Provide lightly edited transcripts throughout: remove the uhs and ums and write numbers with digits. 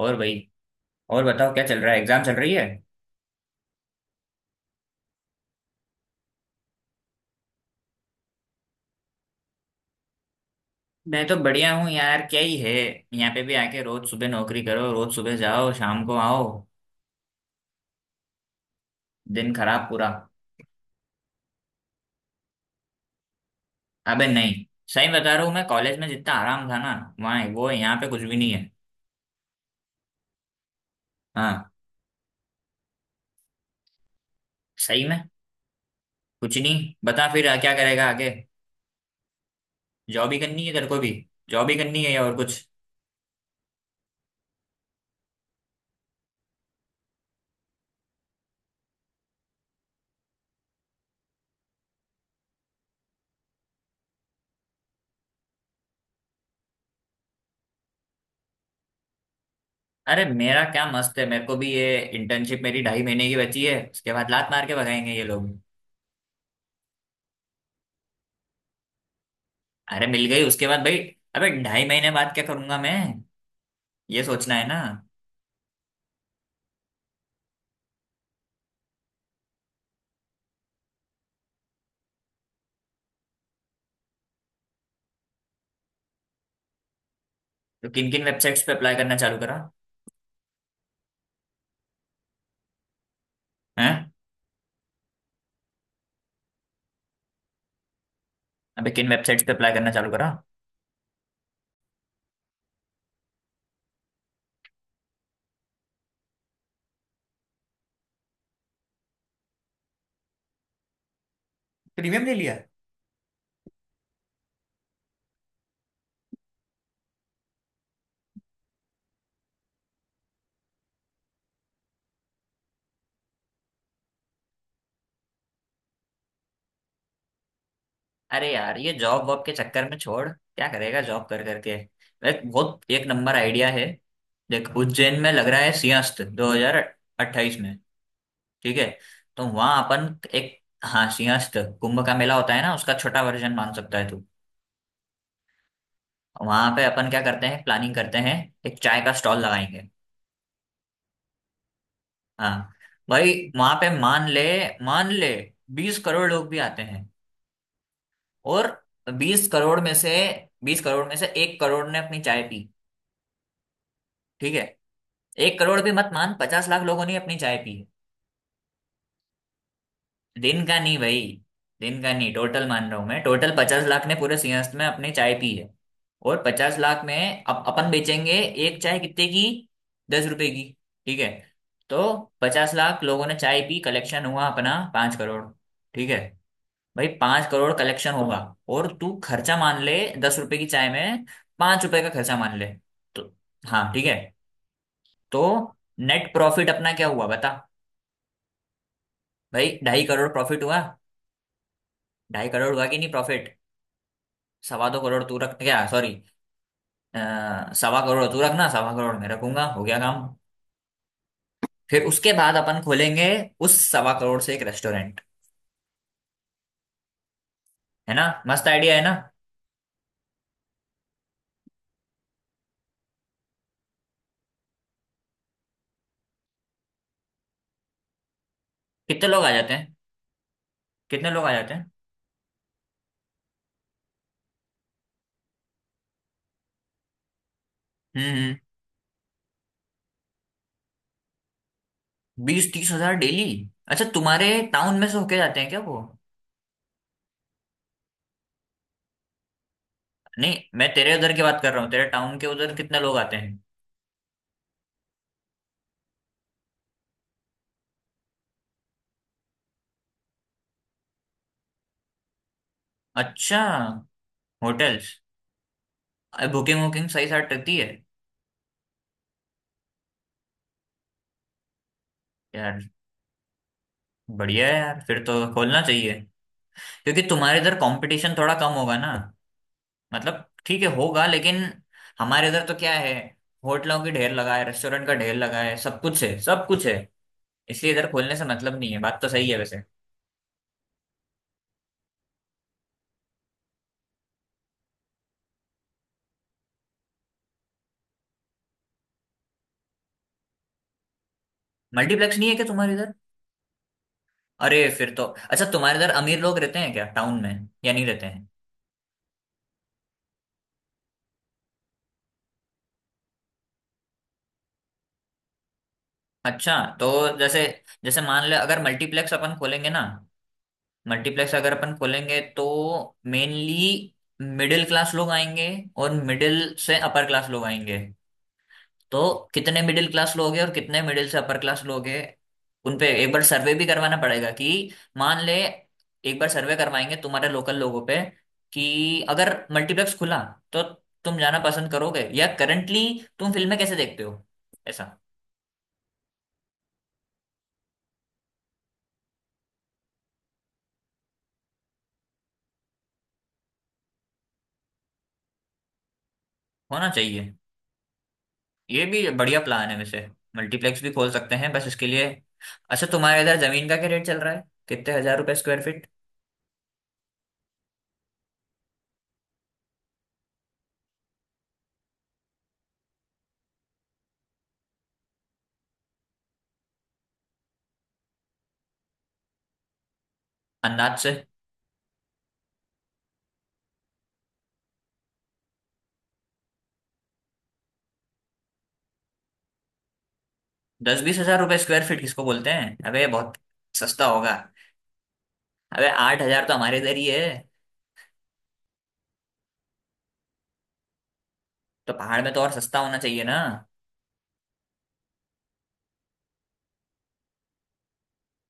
और भाई। और बताओ, क्या चल रहा है? एग्जाम चल रही है? मैं तो बढ़िया हूँ यार, क्या ही है। यहाँ पे भी आके रोज सुबह नौकरी करो, रोज सुबह जाओ, शाम को आओ। दिन खराब पूरा। अबे नहीं, सही बता रहा हूँ मैं। कॉलेज में जितना आराम था ना, वहाँ वो है, यहाँ पे कुछ भी नहीं है। हाँ, सही में। कुछ नहीं, बता फिर क्या करेगा आगे? जॉब ही करनी है तेरे को भी? जॉब ही करनी है या और कुछ? अरे मेरा क्या मस्त है, मेरे को भी ये इंटर्नशिप मेरी ढाई महीने की बची है, उसके बाद लात मार के भगाएंगे ये लोग। अरे मिल गई, उसके बाद भाई अबे ढाई महीने बाद क्या करूंगा मैं? ये सोचना है ना। तो किन किन वेबसाइट्स पे अप्लाई करना चालू करा? हैं? अबे किन वेबसाइट्स पे अप्लाई करना चालू करा? प्रीमियम ले लिया? अरे यार ये जॉब वॉब के चक्कर में छोड़, क्या करेगा जॉब कर करके। एक बहुत एक नंबर आइडिया है। देख, उज्जैन में लग रहा है सिंहस्थ 2028 में। ठीक है? तो वहां अपन एक, हाँ, सिंहस्थ कुंभ का मेला होता है ना, उसका छोटा वर्जन मान सकता है तू। वहां पे अपन क्या करते हैं, प्लानिंग करते हैं। एक चाय का स्टॉल लगाएंगे। हाँ भाई, वहां पे मान ले, मान ले 20 करोड़ लोग भी आते हैं। और बीस करोड़ में से बीस करोड़ में से 1 करोड़ ने अपनी चाय पी। ठीक है? एक करोड़ भी मत मान, 50 लाख लोगों ने अपनी चाय पी है। दिन का नहीं भाई, दिन का नहीं, टोटल मान रहा हूँ मैं, टोटल पचास लाख ने पूरे सिंहस्थ में अपनी चाय पी है। और पचास लाख में अब अपन बेचेंगे। एक चाय कितने की? 10 रुपए की। ठीक है? तो पचास लाख लोगों ने चाय पी, कलेक्शन हुआ अपना 5 करोड़। ठीक है? भाई पांच करोड़ कलेक्शन होगा। और तू खर्चा मान ले, दस रुपए की चाय में 5 रुपए का खर्चा मान ले। तो हाँ, ठीक है। तो नेट प्रॉफिट अपना क्या हुआ बता? भाई ढाई करोड़ प्रॉफिट हुआ। ढाई करोड़ हुआ कि नहीं प्रॉफिट? सवा दो करोड़ तू रख, क्या सॉरी, सवा करोड़ तू रखना, सवा करोड़ मैं रखूंगा, हो गया काम। फिर उसके बाद अपन खोलेंगे उस सवा करोड़ से एक रेस्टोरेंट। है ना, मस्त आइडिया है ना? कितने लोग आ जाते हैं? कितने लोग आ जाते हैं? हम्म हम्म। बीस तीस हजार डेली? अच्छा, तुम्हारे टाउन में से होके जाते हैं क्या वो? नहीं, मैं तेरे उधर की बात कर रहा हूँ, तेरे टाउन के उधर कितने लोग आते हैं? अच्छा। होटल्स। बुकिंग वुकिंग सही साथ रहती है? यार बढ़िया है यार, फिर तो खोलना चाहिए। क्योंकि तुम्हारे इधर कंपटीशन थोड़ा कम होगा ना। मतलब ठीक है होगा, लेकिन हमारे इधर तो क्या है, होटलों की ढेर लगा है, रेस्टोरेंट का ढेर लगा है, सब कुछ है, सब कुछ है। इसलिए इधर खोलने से मतलब नहीं है, बात तो सही है वैसे। मल्टीप्लेक्स नहीं है क्या तुम्हारे इधर? अरे फिर तो अच्छा, तुम्हारे इधर अमीर लोग रहते हैं क्या टाउन में, या नहीं रहते हैं? अच्छा। तो जैसे जैसे मान ले, अगर मल्टीप्लेक्स अपन खोलेंगे ना, मल्टीप्लेक्स अगर अपन खोलेंगे तो मेनली मिडिल क्लास लोग आएंगे और मिडिल से अपर क्लास लोग आएंगे। तो कितने मिडिल क्लास लोग हैं और कितने मिडिल से अपर क्लास लोग हैं? उनपे एक बार सर्वे भी करवाना पड़ेगा कि मान ले एक बार सर्वे करवाएंगे तुम्हारे लोकल लोगों पे कि अगर मल्टीप्लेक्स खुला तो तुम जाना पसंद करोगे या करंटली तुम फिल्में कैसे देखते हो, ऐसा होना चाहिए। ये भी बढ़िया प्लान है वैसे। मल्टीप्लेक्स भी खोल सकते हैं बस, इसके लिए। अच्छा, तुम्हारे इधर जमीन का क्या रेट चल रहा है? कितने हजार रुपए स्क्वायर फीट? अंदाज से। दस बीस हजार रुपए स्क्वायर फीट किसको बोलते हैं अबे, बहुत सस्ता होगा। अबे 8 हज़ार तो हमारे इधर ही है। तो पहाड़ में तो और सस्ता होना चाहिए ना।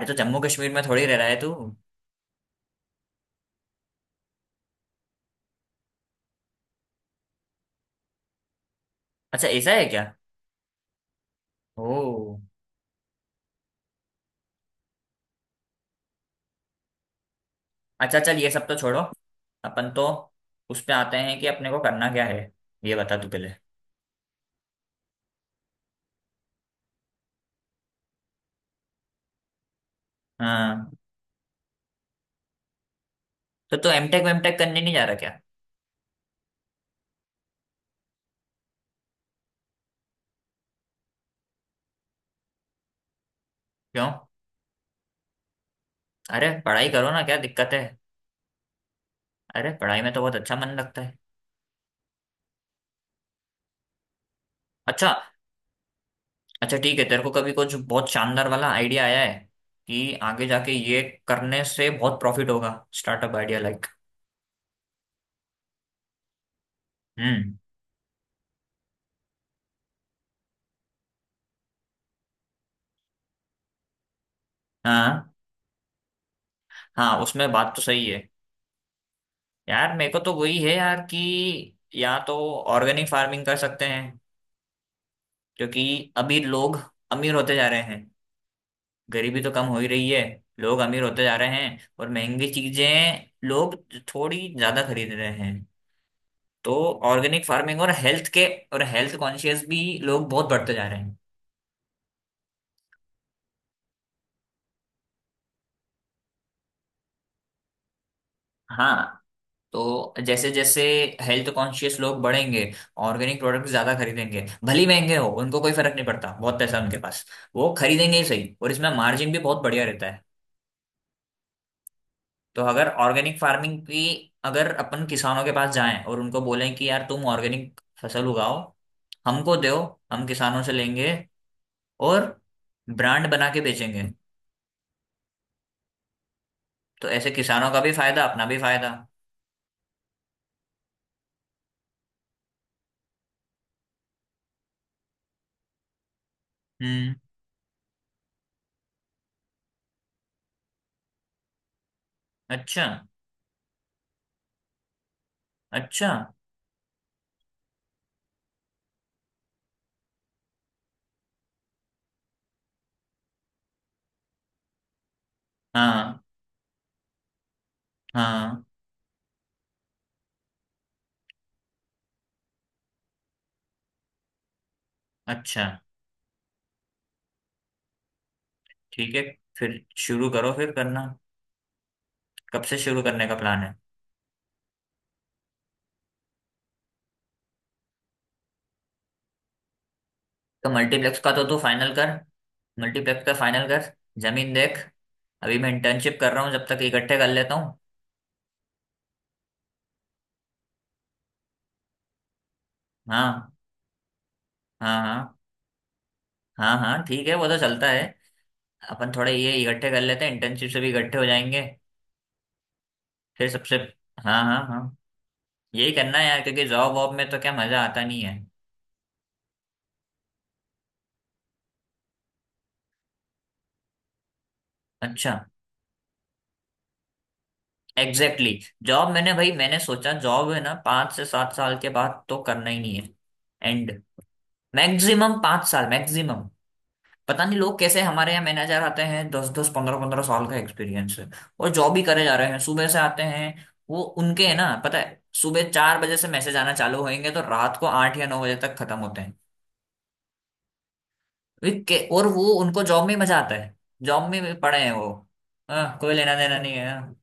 अरे तो जम्मू कश्मीर में थोड़ी रह रहा है तू। अच्छा, ऐसा है क्या? ओ। अच्छा चल, ये सब तो छोड़ो, अपन तो उस पे आते हैं कि अपने को करना क्या है। ये बता तू पहले। हाँ। तो तू एमटेक वेमटेक करने नहीं जा रहा क्या? क्यों? अरे पढ़ाई करो ना, क्या दिक्कत है? अरे पढ़ाई में तो बहुत अच्छा मन लगता है। अच्छा। अच्छा ठीक है, तेरे को कभी कुछ बहुत शानदार वाला आइडिया आया है कि आगे जाके ये करने से बहुत प्रॉफिट होगा, स्टार्टअप आइडिया लाइक? हम्म। हाँ हाँ, उसमें बात तो सही है। यार मेरे को तो वही है यार, कि या तो ऑर्गेनिक फार्मिंग कर सकते हैं, क्योंकि अभी लोग अमीर होते जा रहे हैं, गरीबी तो कम हो ही रही है, लोग अमीर होते जा रहे हैं और महंगी चीजें लोग थोड़ी ज्यादा खरीद रहे हैं। तो ऑर्गेनिक फार्मिंग और हेल्थ के, और हेल्थ कॉन्शियस भी लोग बहुत बढ़ते जा रहे हैं। हाँ, तो जैसे जैसे हेल्थ कॉन्शियस लोग बढ़ेंगे, ऑर्गेनिक प्रोडक्ट ज्यादा खरीदेंगे, भले ही महंगे हो उनको कोई फर्क नहीं पड़ता, बहुत पैसा है उनके पास, वो खरीदेंगे ही सही, और इसमें मार्जिन भी बहुत बढ़िया रहता है। तो अगर ऑर्गेनिक फार्मिंग की, अगर अपन किसानों के पास जाएं और उनको बोलें कि यार तुम ऑर्गेनिक फसल उगाओ, हमको दो, हम किसानों से लेंगे और ब्रांड बना के बेचेंगे, तो ऐसे किसानों का भी फायदा, अपना भी फायदा। हम्म। अच्छा अच्छा। हाँ हाँ। अच्छा ठीक है, फिर शुरू करो, फिर करना, कब से शुरू करने का प्लान है? तो मल्टीप्लेक्स का तो तू फाइनल कर, मल्टीप्लेक्स का फाइनल कर, जमीन देख। अभी मैं इंटर्नशिप कर रहा हूँ, जब तक इकट्ठे कर लेता हूँ। हाँ हाँ हाँ हाँ। हाँ ठीक है, वो तो चलता है। अपन थोड़े ये इकट्ठे कर लेते हैं, इंटर्नशिप से भी इकट्ठे हो जाएंगे, फिर सबसे। हाँ हाँ हाँ। यही करना है यार, क्योंकि जॉब वॉब में तो क्या मजा आता नहीं है। अच्छा, एग्जैक्टली exactly। जॉब मैंने, भाई मैंने सोचा जॉब है ना, पाँच से सात साल के बाद तो करना ही नहीं है। एंड मैक्सिमम 5 साल, मैक्सिमम। पता नहीं लोग कैसे हमारे यहाँ मैनेजर आते हैं, दस दस पंद्रह पंद्रह साल का एक्सपीरियंस है और जॉब ही करे जा रहे हैं। सुबह से आते हैं, वो उनके है ना, पता है, सुबह 4 बजे से मैसेज आना चालू होंगे तो रात को आठ या नौ बजे तक खत्म होते हैं। और वो उनको जॉब में मजा आता है, जॉब में भी पड़े हैं वो, हाँ कोई लेना देना नहीं है, हाँ,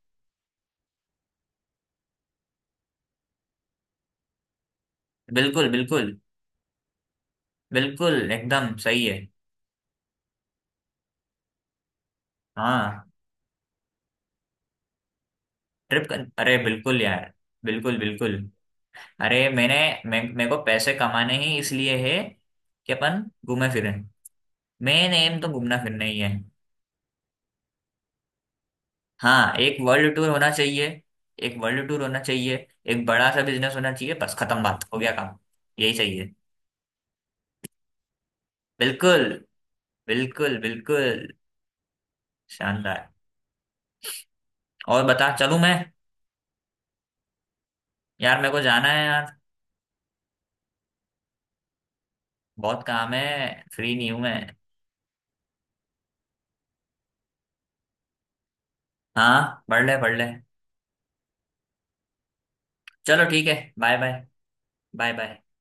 बिल्कुल बिल्कुल। बिल्कुल एकदम सही है। हाँ। अरे बिल्कुल यार, बिल्कुल बिल्कुल। अरे मैंने मैं मेरे को पैसे कमाने ही इसलिए है कि अपन घूमे फिरें। मेन एम तो घूमना फिरना ही है। हाँ, एक वर्ल्ड टूर होना चाहिए, एक वर्ल्ड टूर होना चाहिए। एक बड़ा सा बिजनेस होना चाहिए, बस खत्म, बात हो गया काम, यही चाहिए। बिल्कुल बिल्कुल बिल्कुल। शानदार। और बता, चलूं मैं? यार मेरे को जाना है यार, बहुत काम है, फ्री नहीं हूं मैं। हाँ, पढ़ ले पढ़ ले। चलो ठीक है, बाय बाय। Bye bye.